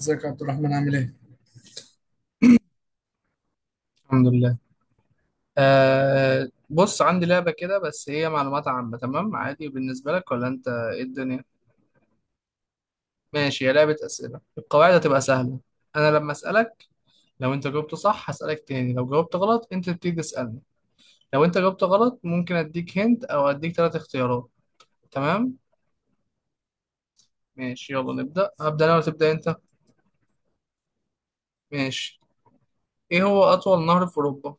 ازيك يا عبد الرحمن عامل ايه؟ الحمد لله. بص عندي لعبة كده، بس هي معلومات عامة. تمام عادي بالنسبة لك ولا انت ايه الدنيا؟ ماشي، هي لعبة أسئلة القواعد هتبقى سهلة. انا لما أسألك، لو انت جاوبت صح هسألك تاني، لو جاوبت غلط انت تبتدي تسألني. لو انت جاوبت غلط ممكن اديك هنت او اديك ثلاث اختيارات. تمام. ماشي، يلا نبدأ. هبدأ انا ولا تبدأ انت؟ ماشي. ايه هو أطول نهر في أوروبا؟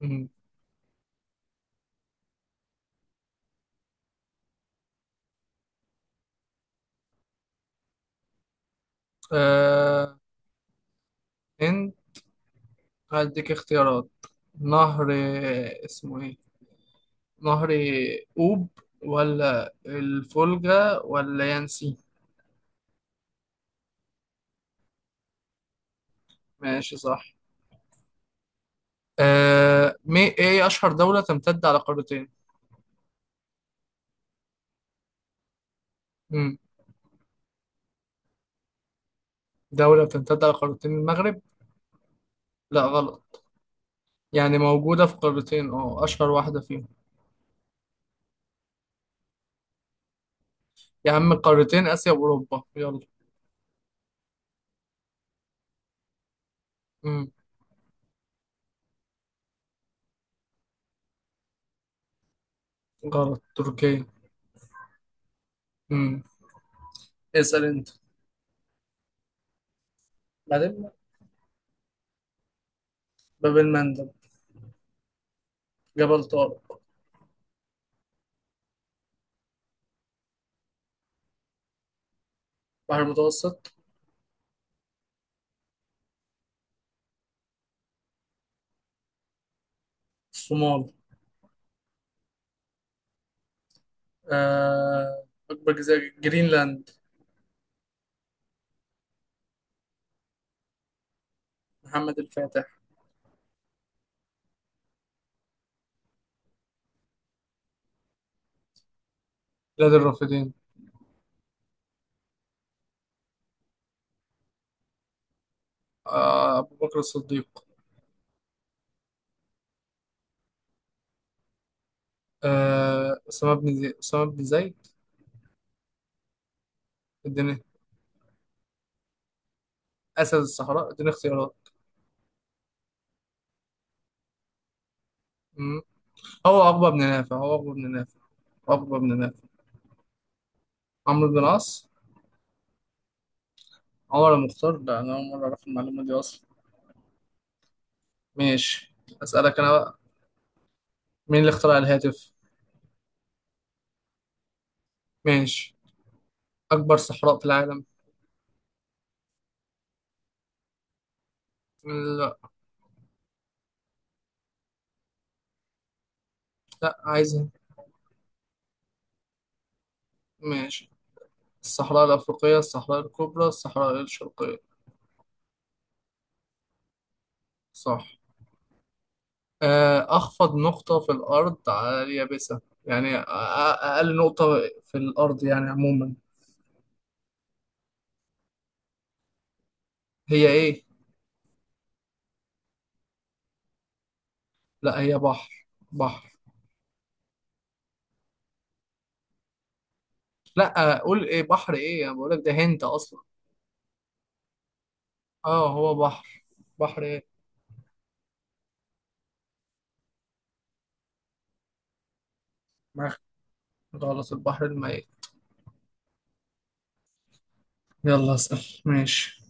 مم. آه هند. هديك اختيارات. نهر، اسمه ايه؟ نهر أوب ولا الفولجا ولا يانسي؟ ماشي صح. آه مي ايه أشهر دولة تمتد على قارتين؟ مم. دولة بتمتد على قارتين، المغرب؟ لا غلط. يعني موجودة في قارتين، اه، أشهر واحدة فيهم. يا عم قارتين، آسيا وأوروبا، يلا. مم. غلط، تركيا. مم. اسأل أنت. بعدين. باب المندب. جبل طارق. بحر المتوسط. الصومال. أكبر جزيرة، جرينلاند. محمد الفاتح. بلاد الرافدين. أبو بكر الصديق. أسامة بن زيد. اديني. أسد الصحراء، اديني اختيارات. مم. هو عقبة بن نافع. عقبة بن نافع. عمرو بن العاص. عمر المختار؟ لا، أنا أول مرة أعرف المعلومة دي أصلا. ماشي. أسألك أنا بقى. مين اللي اخترع الهاتف؟ ماشي. أكبر صحراء في العالم. لا. لا عايزها. ماشي. الصحراء الأفريقية، الصحراء الكبرى، الصحراء الشرقية؟ صح. أخفض نقطة في الأرض على اليابسة، يعني أقل نقطة في الأرض يعني عموما. هي إيه؟ لا، هي بحر بحر. لا قول إيه بحر إيه، أنا بقولك ده هنت أصلا. أه، هو بحر. بحر إيه؟ ما غلط، البحر الميت. يلا اسأل ماشي.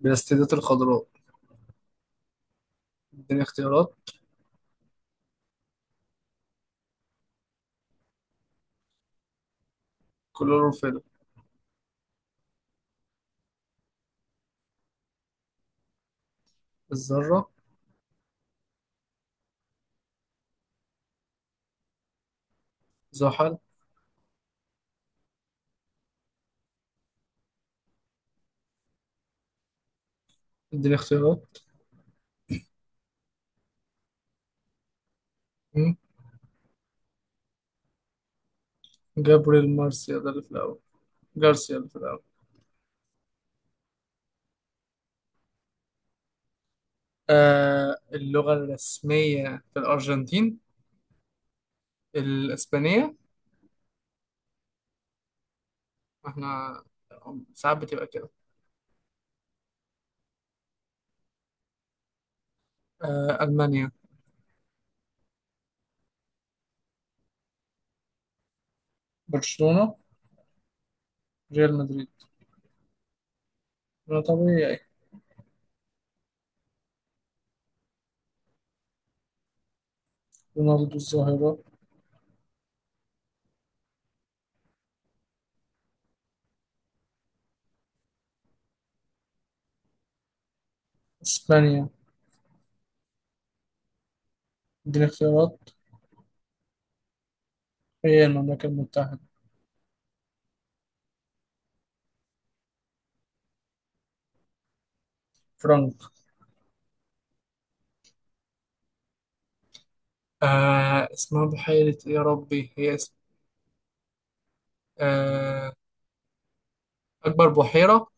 بلاستيدات الخضراء. اديني اختيارات. كلوروفيل. الذرة. زحل. اديني اختيارات. مم. جبر المارسيا ده اللي في الأول، جارسيا اللي في الأول. اللغة الرسمية في الأرجنتين، الإسبانية. احنا ساعات بتبقى كده. ألمانيا. برشلونة. ريال مدريد. ده طبيعي. رونالدو الظاهرة. إسبانيا. دي الاختيارات، هي المملكة المتحدة. فرنك. اسمها بحيرة إيه يا ربي، هي اسم. آه أكبر بحيرة،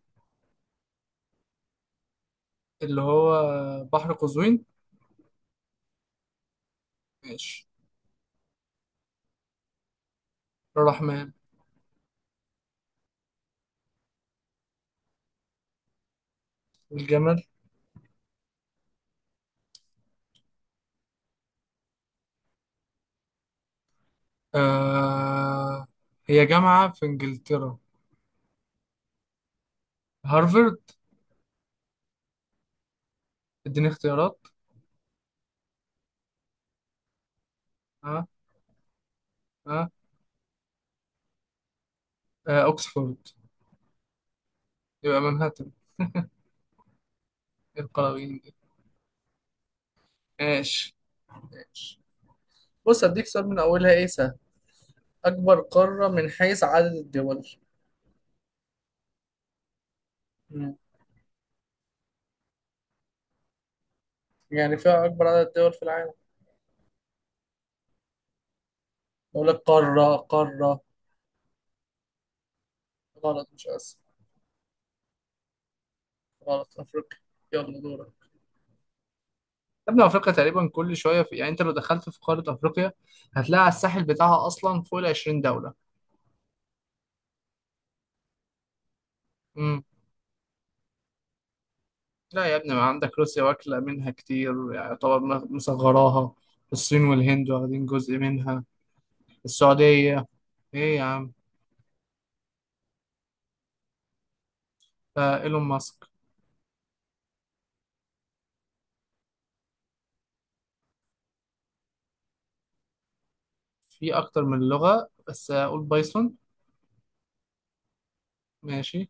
اللي هو بحر قزوين. ماشي. الرحمن. الجمل. آه هي جامعة في إنجلترا، هارفرد. اديني اختيارات. ها. ها. اوكسفورد. يبقى منهاتن. ايه القراويين دي؟ ماشي. ماشي. بص أديك سؤال من أولها إيه سهل. أكبر قارة من حيث عدد الدول. مم. يعني فيها أكبر عدد دول في العالم. أقول لك قارة قارة. غلط، مش آسيا. غلط، أفريقيا. يلا دورك. يا ابني افريقيا تقريبا كل شويه في... يعني انت لو دخلت في قاره افريقيا هتلاقي على الساحل بتاعها اصلا فوق ال 20 دوله. مم. لا يا ابني، ما عندك روسيا واكلة منها كتير يعني طبعا، مصغراها. الصين والهند واخدين جزء منها. السعودية، ايه يا عم. ايلون ماسك. في اكتر من لغة، بس اقول بايثون. ماشي.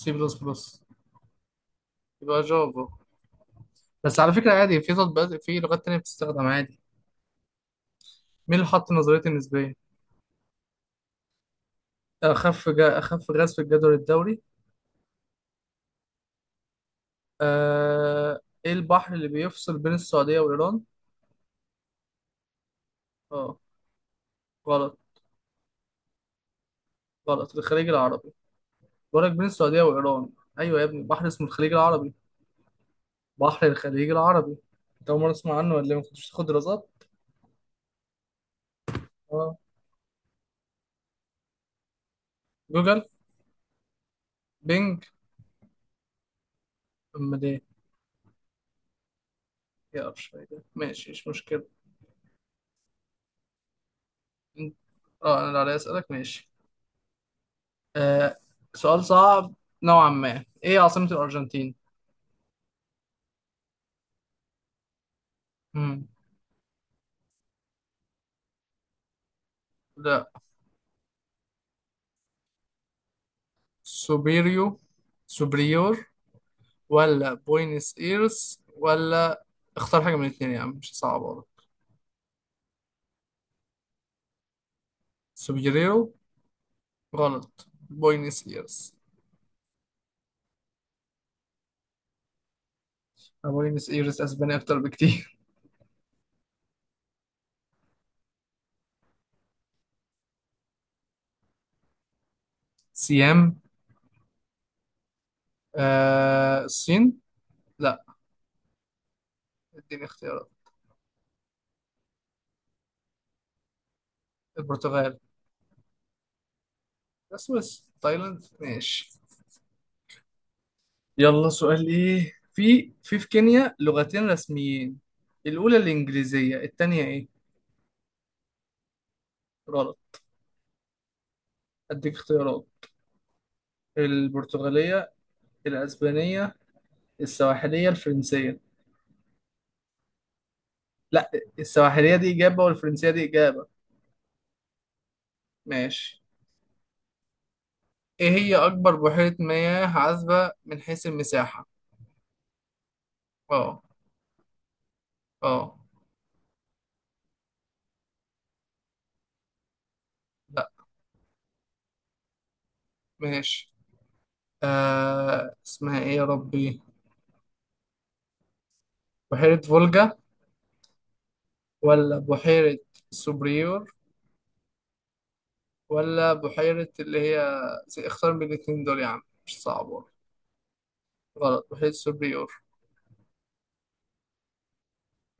سي بلس بلس. يبقى جافا. بس على فكرة عادي، في تطبيقات في لغات تانية بتستخدم عادي. مين اللي حط نظرية النسبية؟ اخف اخف غاز في الجدول الدوري. ايه البحر اللي بيفصل بين السعودية وايران؟ اه. غلط. غلط، الخليج العربي. برج بين السعودية وإيران. أيوة يا ابني، بحر اسمه الخليج العربي. بحر الخليج العربي. أنت أول مرة تسمع عنه ولا إيه؟ ما كنتش تاخد دراسات؟ أه. جوجل. بينج. أمال إيه؟ يا قرش فايدة، ماشي مش مشكلة. أنت- أنا اللي عليا أسألك، ماشي. آه سؤال صعب نوعا ما. إيه عاصمة الأرجنتين؟ مم. لا. سوبيريو، سوبريور، ولا بوينس إيرس، ولا اختار حاجة من الاتنين يا عم، مش صعب والله. سوبيريو. غلط، بوينس إيرس. بوينس ايرس اسبانيا اكتر بكتير. سيام. الصين. لا. اديني اختيارات. البرتغال. السويس تايلاند، ماشي. يلا سؤال. ايه في كينيا لغتين رسميين، الاولى الانجليزية التانية ايه؟ غلط. اديك اختيارات. البرتغالية، الاسبانية، السواحلية، الفرنسية. لا، السواحلية دي اجابة والفرنسية دي اجابة. ماشي. ايه هي اكبر بحيرة مياه عذبة من حيث المساحة؟ اه. اه. ماشي. اسمها ايه يا ربي، بحيرة فولجا، ولا بحيرة سوبريور، ولا بحيرة اللي هي اختار من الاتنين دول يا عم، مش صعب والله. غلط، بحيرة سوبريور.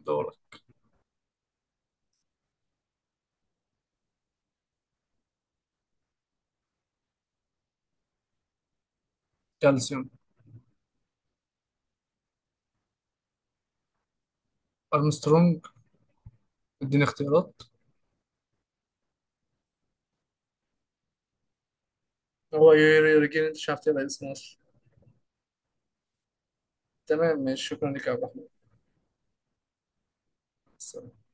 دورك. كالسيوم. أرمسترونج. اديني اختيارات. هو يوري، جيل انت مش عارف تلاقي اسمه أصلاً. تمام ماشي، شكرا لك يا عبد الرحمن.